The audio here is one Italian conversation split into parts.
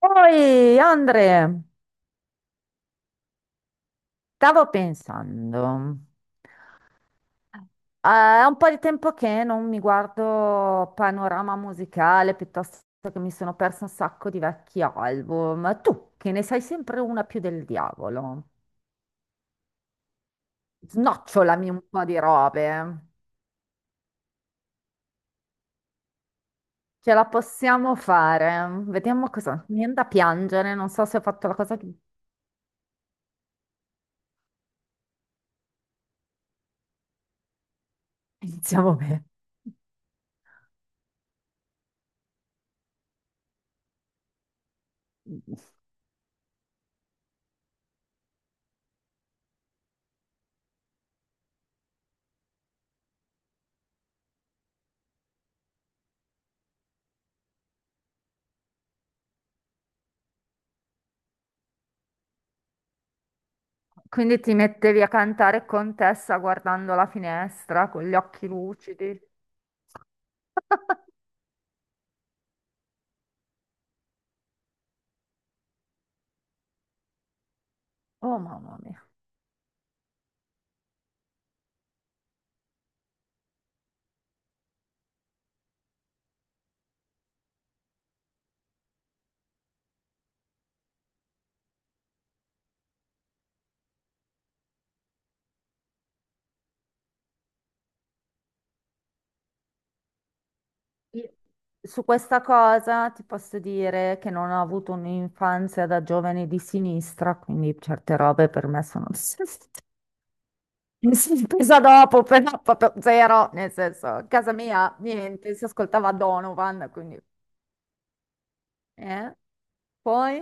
Poi, Andre, stavo pensando, eh, è un po' di tempo che non mi guardo panorama musicale, piuttosto che mi sono perso un sacco di vecchi album. Tu, che ne sai sempre una più del diavolo, snocciolami un po' di robe. Ce la possiamo fare. Vediamo cosa. Mi viene da piangere, non so se ho fatto la cosa che... Iniziamo bene. Quindi ti mettevi a cantare Contessa guardando la finestra con gli occhi lucidi. Oh mamma mia. Io- Su questa cosa ti posso dire che non ho avuto un'infanzia da giovane di sinistra, quindi certe robe per me sono mi sono presa dopo, però proprio zero, nel senso, a casa mia niente, si ascoltava Donovan, quindi... eh? Poi?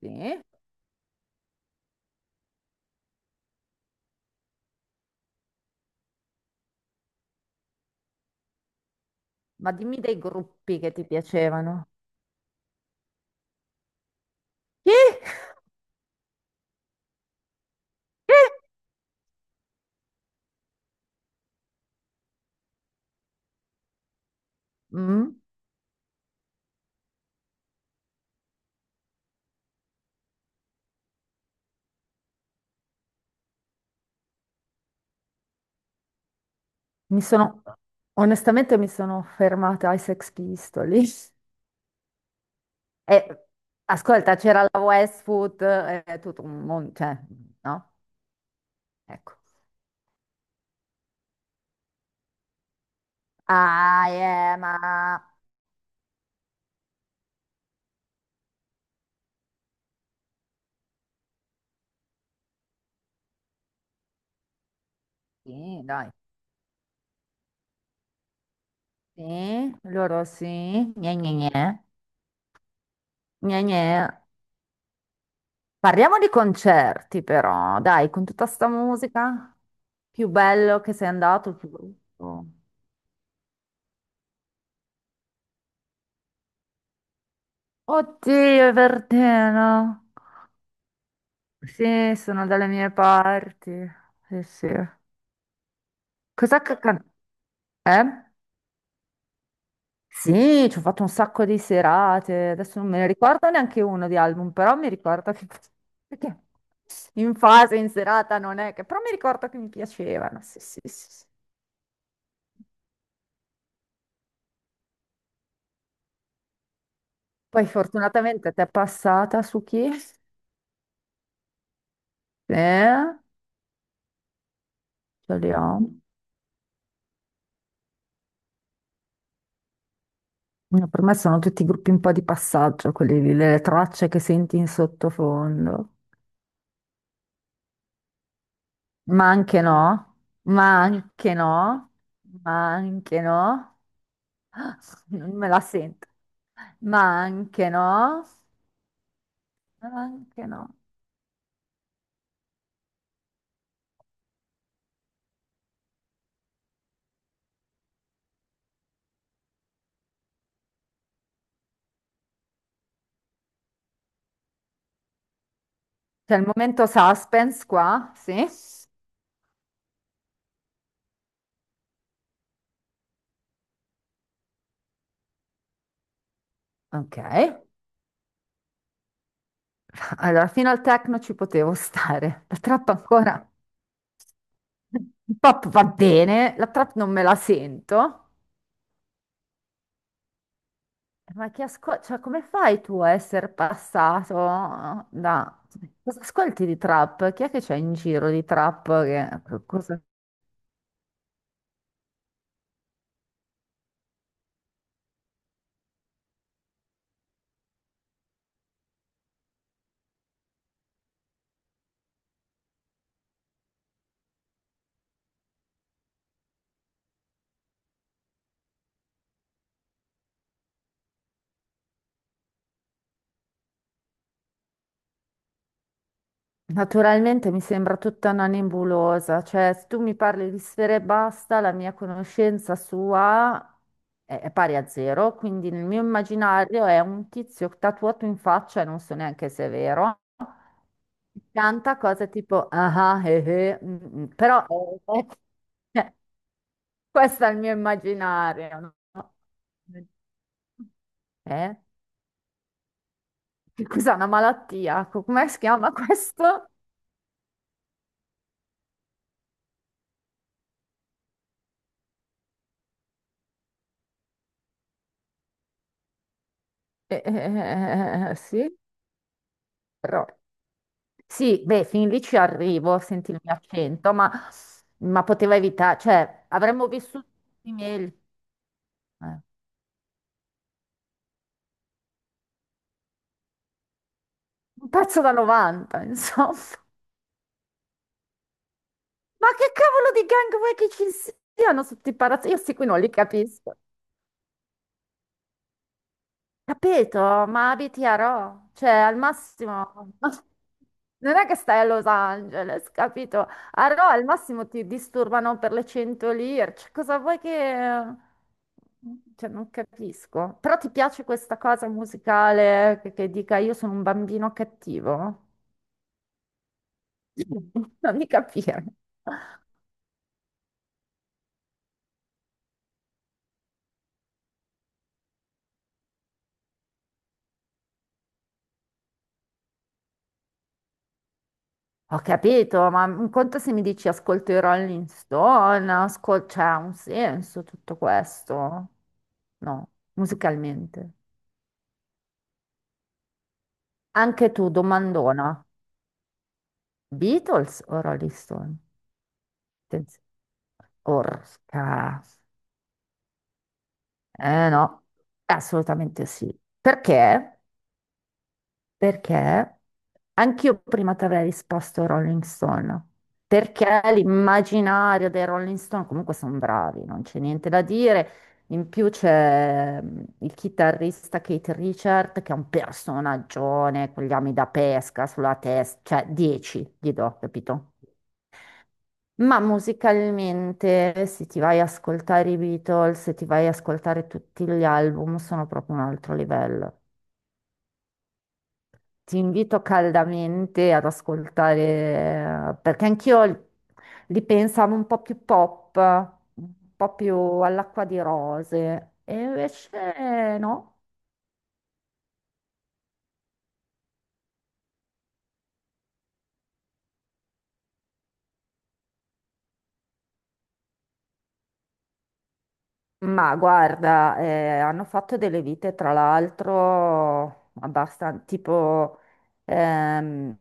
Sì? Ma dimmi dei gruppi che ti piacevano. Chi? Chi? Mm. Mi sono, onestamente mi sono fermata ai Sex Pistols. E, ascolta, c'era la Westwood, è tutto un mondo, cioè, no? Ecco. Ah, ma... Sì, dai. Sì, loro sì. Gne, gne, gne. Gne, gne. Parliamo di concerti, però, dai, con tutta sta musica. Più bello che sei andato, più brutto. Oddio, è Verdena. Sì, sono dalle mie parti. Sì, sì. Cos'è che... Eh? Sì, ci ho fatto un sacco di serate. Adesso non me ne ricordo neanche uno di album, però mi ricordo che... Perché in fase, in serata non è che... Però mi ricordo che mi piacevano. Sì, sì, sì, sì. Poi fortunatamente ti è passata su chi? Sì, ce li ho. No, per me sono tutti gruppi un po' di passaggio, quelli lì, le tracce che senti in sottofondo. Ma anche no, ma anche no, ma anche no, non me la sento, ma anche no, ma anche no. C'è il momento suspense qua, sì? Ok, allora fino al techno ci potevo stare, la trap ancora, il pop va bene, la trap non me la sento. Ma che ascolti, cioè, come fai tu a essere passato da... Cosa ascolti di trap? Chi è che c'è in giro di trap? Cosa- Naturalmente mi sembra tutta una nebulosa, cioè se tu mi parli di sfere e basta, la mia conoscenza sua è pari a zero, quindi nel mio immaginario è un tizio tatuato in faccia e non so neanche se è vero. Canta cose tipo ah ah, mm, mm, però è, questo è il mio immaginario, no? Eh? Che cos'è una malattia? Come si chiama questo? Sì, però... Sì, beh, fin lì ci arrivo, senti il mio accento, ma poteva evitare, cioè, avremmo vissuto tutti meglio. Eh, Un pezzo da 90, insomma. Ma che cavolo di gang vuoi che ci siano sotto i palazzi? Io sì, qui non li capisco. Capito? Ma abiti a Rho, cioè al massimo non è che stai a Los Angeles, capito? A Rho al massimo ti disturbano per le 100 lire, cioè, cosa vuoi che... Cioè, non capisco. Però ti piace questa cosa musicale che dica io sono un bambino cattivo? Non mi capire. Ho capito, ma un conto se mi dici ascolto i Rolling Stone, cioè ha un senso tutto questo? No, musicalmente. Anche tu, domandona, Beatles o Rolling Stone? Attenz- Orca. Eh no, assolutamente sì. Perché? Perché anch'io prima ti avrei risposto Rolling Stone, perché l'immaginario dei Rolling Stone comunque sono bravi, non c'è niente da dire. In più c'è il chitarrista Keith Richard che è un personaggione con gli ami da pesca sulla testa, cioè 10 gli do, capito? Ma musicalmente, se ti vai a ascoltare i Beatles, se ti vai a ascoltare tutti gli album, sono proprio un altro livello. Ti invito caldamente ad ascoltare, perché anch'io li pensavo un po' più pop, un po' più all'acqua di rose, e invece no. Ma guarda, hanno fatto delle vite, tra l'altro, abbastanza, tipo, ehm,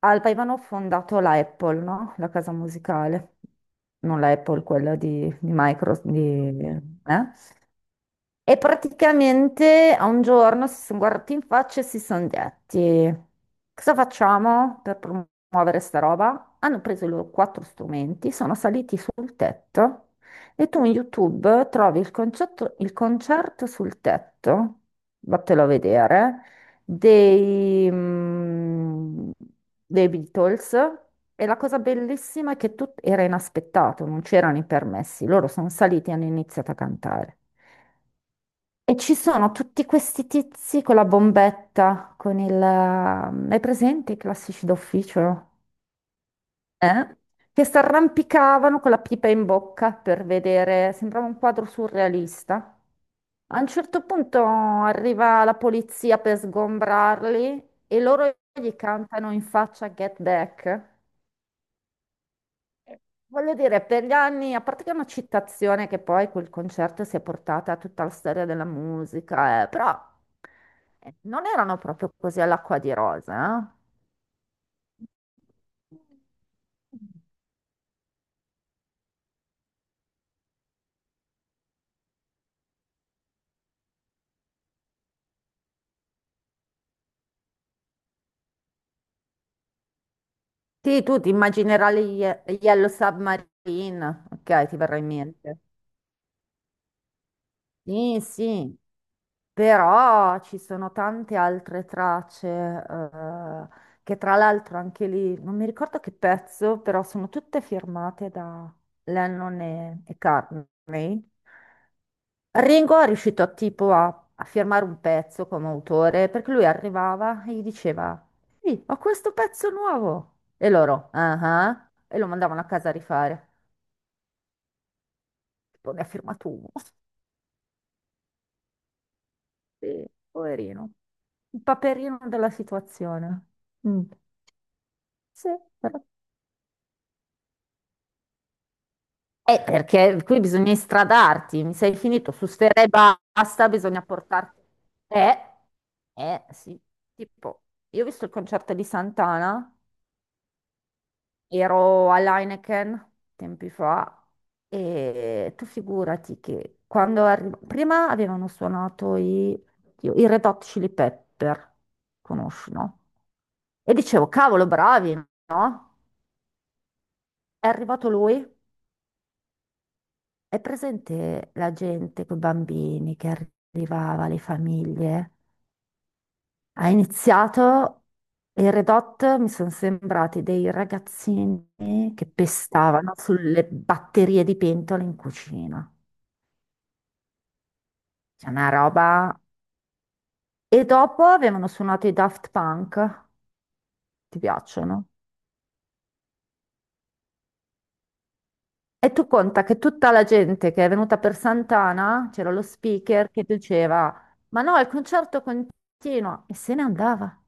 avevano fondato la Apple, no? La casa musicale, non la Apple, quella di Microsoft, eh? E praticamente a un giorno si sono guardati in faccia e si sono detti: cosa facciamo per promuovere sta roba? Hanno preso i loro quattro strumenti, sono saliti sul tetto e tu in YouTube trovi il il concerto sul tetto, vattelo a vedere, dei, mm, dei Beatles. E la cosa bellissima è che tutto era inaspettato, non c'erano i permessi, loro sono saliti e hanno iniziato a cantare. E ci sono tutti questi tizi con la bombetta, con il... Hai presente i classici d'ufficio? Eh? Che si arrampicavano con la pipa in bocca per vedere, sembrava un quadro surrealista. A un certo punto arriva la polizia per sgombrarli e loro gli cantano in faccia Get Back. Eh, Voglio dire, per gli anni, a parte che è una citazione che poi quel concerto si è portata a tutta la storia della musica, però non erano proprio così all'acqua di rosa. Eh. Sì, tu ti immaginerai Yellow Submarine, ok, ti verrà in mente. Sì, sì, però ci sono tante altre tracce, che tra l'altro anche lì, non mi ricordo che pezzo, però sono tutte firmate da Lennon e Cartney. Ringo è riuscito tipo a firmare un pezzo come autore, perché lui arrivava e gli diceva: sì, ho questo pezzo nuovo. E loro, ah ah, e lo mandavano a casa a rifare. Tipo, ne ha firmato uno. Sì, poverino. Il paperino della situazione. Mm. Sì, però- eh, perché qui bisogna istradarti, mi sei finito su ste re basta, bisogna portarti. Eh, sì. Tipo, io ho visto il concerto di Santana, ero all'Heineken tempi fa, e tu figurati che quando prima avevano suonato i, oddio, i Red Hot Chili Pepper, conosci, no? E dicevo, cavolo, bravi, no? È arrivato lui. È presente la gente con i bambini che arrivava, le famiglie? Ha iniziato e i Redot mi sono sembrati dei ragazzini che pestavano sulle batterie di pentole in cucina. C'è una roba. E dopo avevano suonato i Daft Punk. Ti piacciono? E tu conta che tutta la gente che è venuta per Sant'Ana, c'era lo speaker che diceva: ma no, il concerto continua, e se ne andava.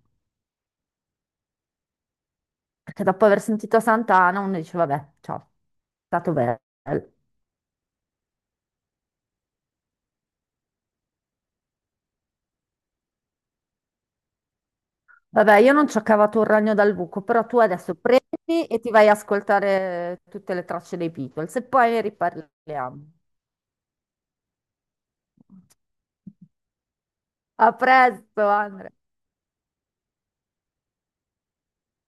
Perché dopo aver sentito Sant'Anna uno dice, vabbè, ciao, è stato bello. Vabbè, io non ci ho cavato un ragno dal buco, però tu adesso prendi e ti vai a ascoltare tutte le tracce dei Beatles e poi ne riparliamo. A presto, Andrea.